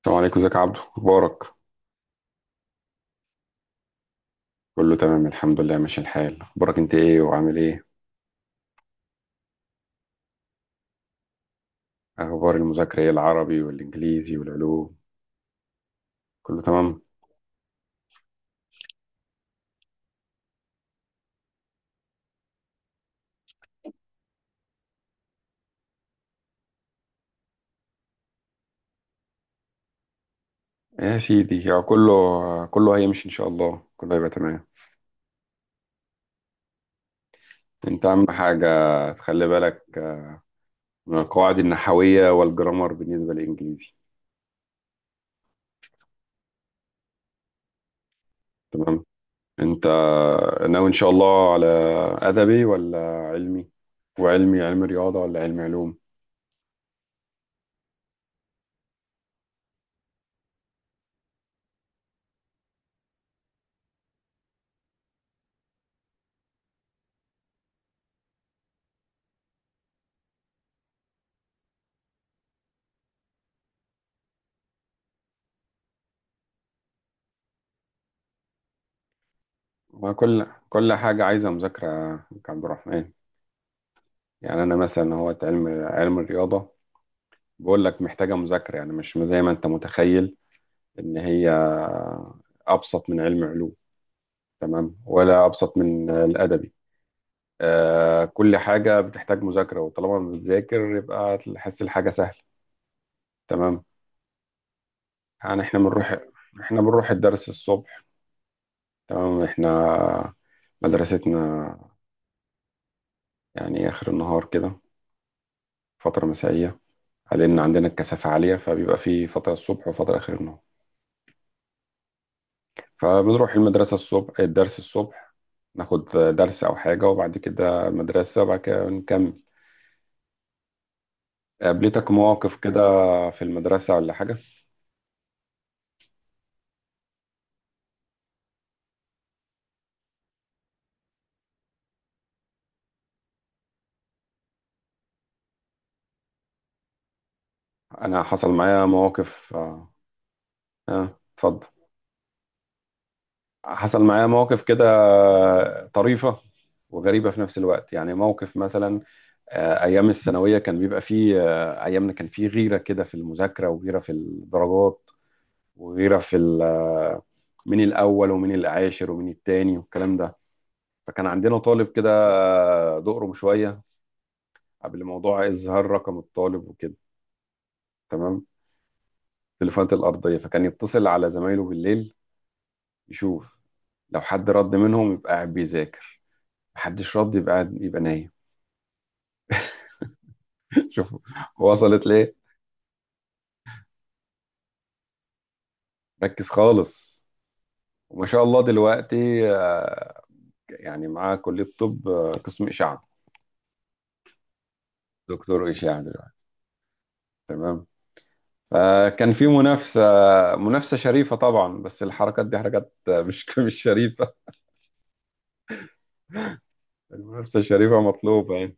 السلام عليكم، ازيك يا عبدو؟ اخبارك؟ كله تمام الحمد لله، ماشي الحال. اخبارك انت ايه وعامل ايه؟ اخبار المذاكره ايه، العربي والانجليزي والعلوم؟ كله تمام. يا سيدي يا كله، كله هيمشي ان شاء الله، كله هيبقى تمام. انت اهم حاجه تخلي بالك من القواعد النحويه والجرامر بالنسبه للانجليزي. تمام. انت ناوي ان شاء الله على ادبي ولا علمي؟ وعلمي، علم رياضه ولا علم علوم؟ وكل حاجه عايزه مذاكره يا عبد الرحمن. يعني انا مثلا هو علم الرياضه، بقول لك محتاجه مذاكره، يعني مش زي ما انت متخيل ان هي ابسط من علم علوم، تمام، ولا ابسط من الادبي. آه، كل حاجه بتحتاج مذاكره، وطالما بتذاكر يبقى تحس الحاجه سهله. تمام. يعني احنا بنروح الدرس الصبح. تمام، احنا مدرستنا يعني اخر النهار كده، فتره مسائيه، لان عندنا الكثافه عاليه، فبيبقى في فتره الصبح وفتره اخر النهار. فبنروح المدرسة الصبح، الدرس الصبح، ناخد درس أو حاجة وبعد كده مدرسة وبعد كده نكمل. قابلتك مواقف كده في المدرسة ولا حاجة؟ أنا حصل معايا مواقف. اتفضل. حصل معايا مواقف كده طريفة وغريبة في نفس الوقت، يعني موقف مثلا، أيام الثانوية كان بيبقى فيه، أيامنا كان فيه غيرة كده في المذاكرة وغيرة في الدرجات وغيرة في مين الأول ومين العاشر ومين التاني والكلام ده. فكان عندنا طالب كده، دقرم شوية، قبل موضوع إظهار رقم الطالب وكده، تمام، التليفونات الأرضية، فكان يتصل على زمايله بالليل يشوف لو حد رد منهم يبقى قاعد بيذاكر، محدش رد يبقى قاعد، يبقى نايم. شوف وصلت ليه! ركز خالص. وما شاء الله دلوقتي، آه، يعني معاه كلية طب، قسم إشعة، دكتور إشعة دلوقتي، تمام. فكان في منافسة، منافسة شريفة طبعا، بس الحركات دي حركات مش مش شريفة. المنافسة شريفة مطلوبة يعني،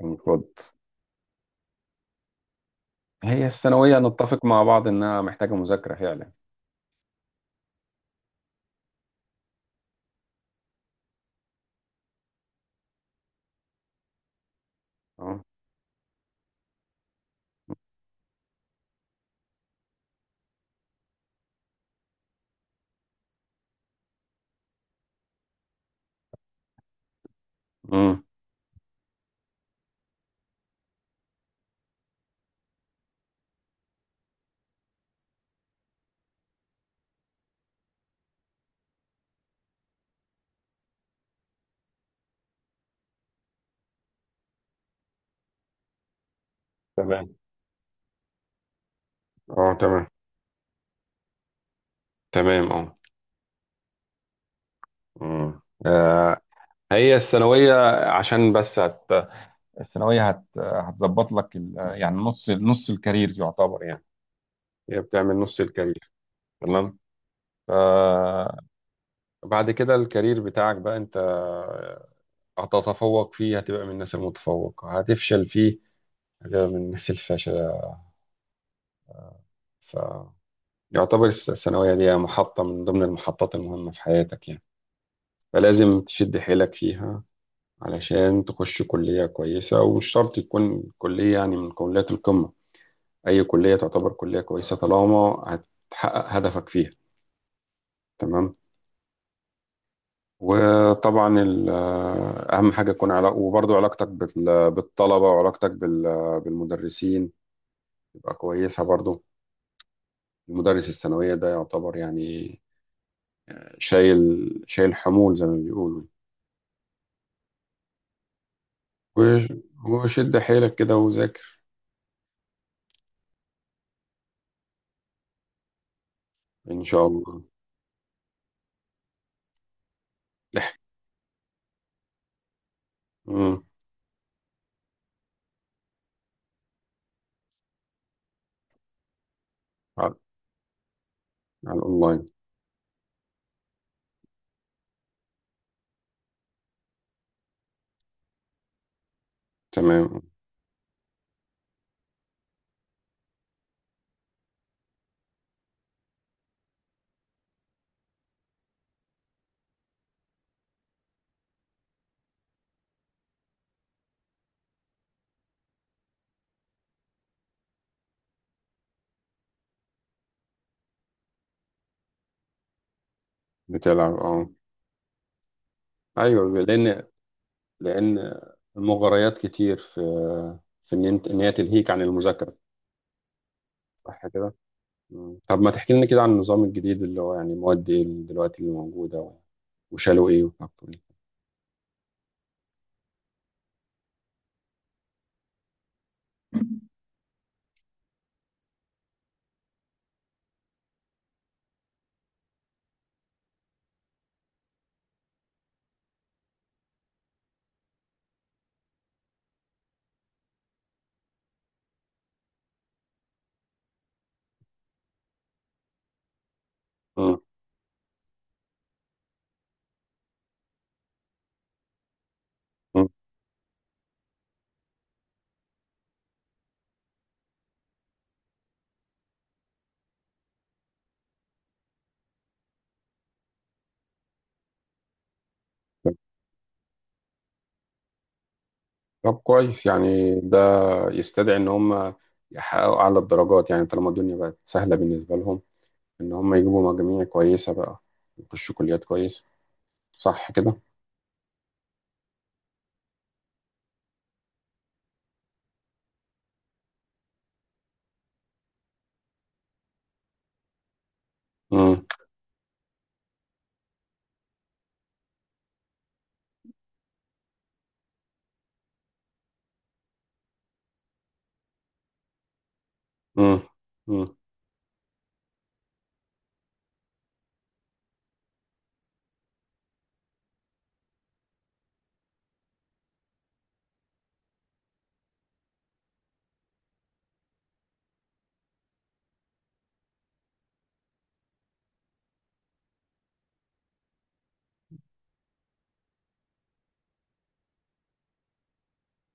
المفروض. هي الثانوية نتفق مع بعض إنها محتاجة مذاكرة فعلا. أه. أمم. تمام. اه. تمام. تمام. اه. مم. آه، هي الثانوية عشان بس الثانوية هتظبط لك يعني نص الكارير يعتبر، يعني هي بتعمل نص الكارير. تمام. آه، بعد كده الكارير بتاعك بقى انت، هتتفوق فيه هتبقى من الناس المتفوقة، هتفشل فيه هتبقى من الناس الفاشلة. يعتبر الثانوية دي محطة من ضمن المحطات المهمة في حياتك يعني، فلازم تشد حيلك فيها علشان تخش كلية كويسة، ومش شرط تكون كلية يعني من كليات القمة، أي كلية تعتبر كلية كويسة طالما هتحقق هدفك فيها. تمام. وطبعا أهم حاجة تكون علاقة، وبرضو علاقتك بالطلبة، وعلاقتك بالمدرسين تبقى كويسة برضو. المدرس الثانوية ده يعتبر يعني شايل، شايل حمول زي ما بيقولوا. وش- وشد حيلك كده وذاكر. إن شاء الله. اح- مم. على الأونلاين. تمام. بتلعب، أه. أيوه، لأن المغريات كتير في، في إن أنت، إن هي تلهيك عن المذاكرة، صح كده؟ طب ما تحكي لنا كده عن النظام الجديد، اللي هو يعني مواد إيه اللي دلوقتي اللي موجودة، وشالوا إيه وحطوا إيه؟ مم. مم. طب كويس، يعني ده يستدعي ان هم يحققوا اعلى الدرجات، يعني طالما الدنيا بقت سهله بالنسبه لهم ان هم يجيبوا مجاميع كويسه بقى، يخشوا كليات كويسه، صح كده. امم، امم، امم،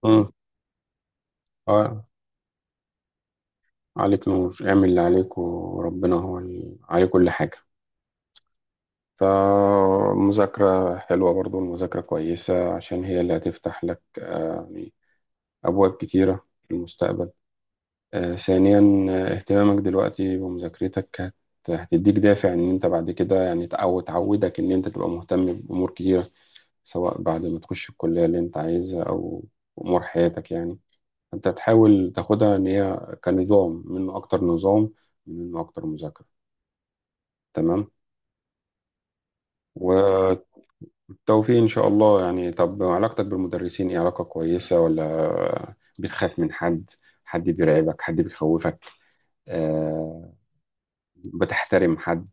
امم. آه، عليك نور، اعمل اللي عليك وربنا هو اللي عليه كل حاجه. فمذاكرة حلوة، برضو المذاكرة كويسة عشان هي اللي هتفتح لك، يعني أبواب كتيرة في المستقبل. ثانيا، اهتمامك دلوقتي بمذاكرتك هتديك دافع إن أنت بعد كده، يعني أو تعودك إن أنت تبقى مهتم بأمور كتيرة، سواء بعد ما تخش الكلية اللي أنت عايزها، أو أمور حياتك يعني. أنت تحاول تاخدها إن هي كنظام منه أكتر، نظام منه أكتر مذاكرة. تمام. والتوفيق إن شاء الله. يعني طب علاقتك بالمدرسين إيه، علاقة كويسة ولا بتخاف من حد؟ حد بيرعبك، حد بيخوفك، أه، بتحترم حد،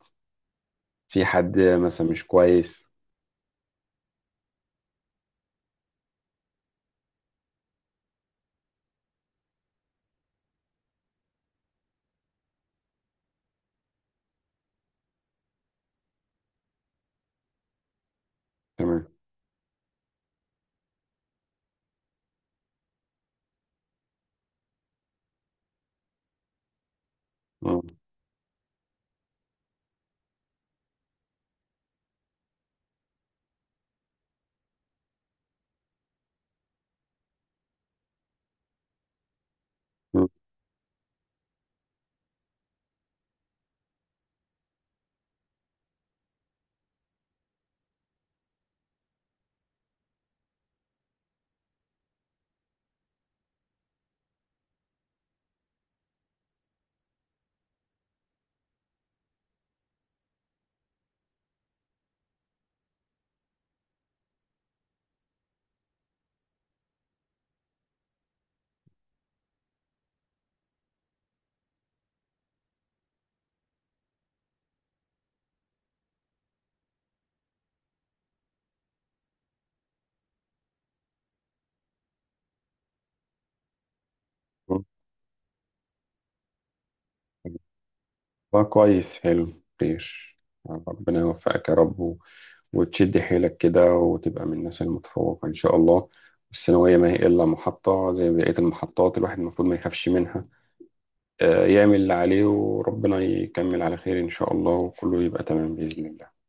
في حد مثلا مش كويس؟ تمام. مم. مم. والله كويس، حلو. خير. ربنا يوفقك يا رب، وتشد حيلك كده وتبقى من الناس المتفوقة إن شاء الله. الثانوية ما هي إلا محطة زي بقية المحطات، الواحد المفروض ما يخافش منها، يعمل اللي عليه وربنا يكمل على خير إن شاء الله، وكله يبقى تمام بإذن الله.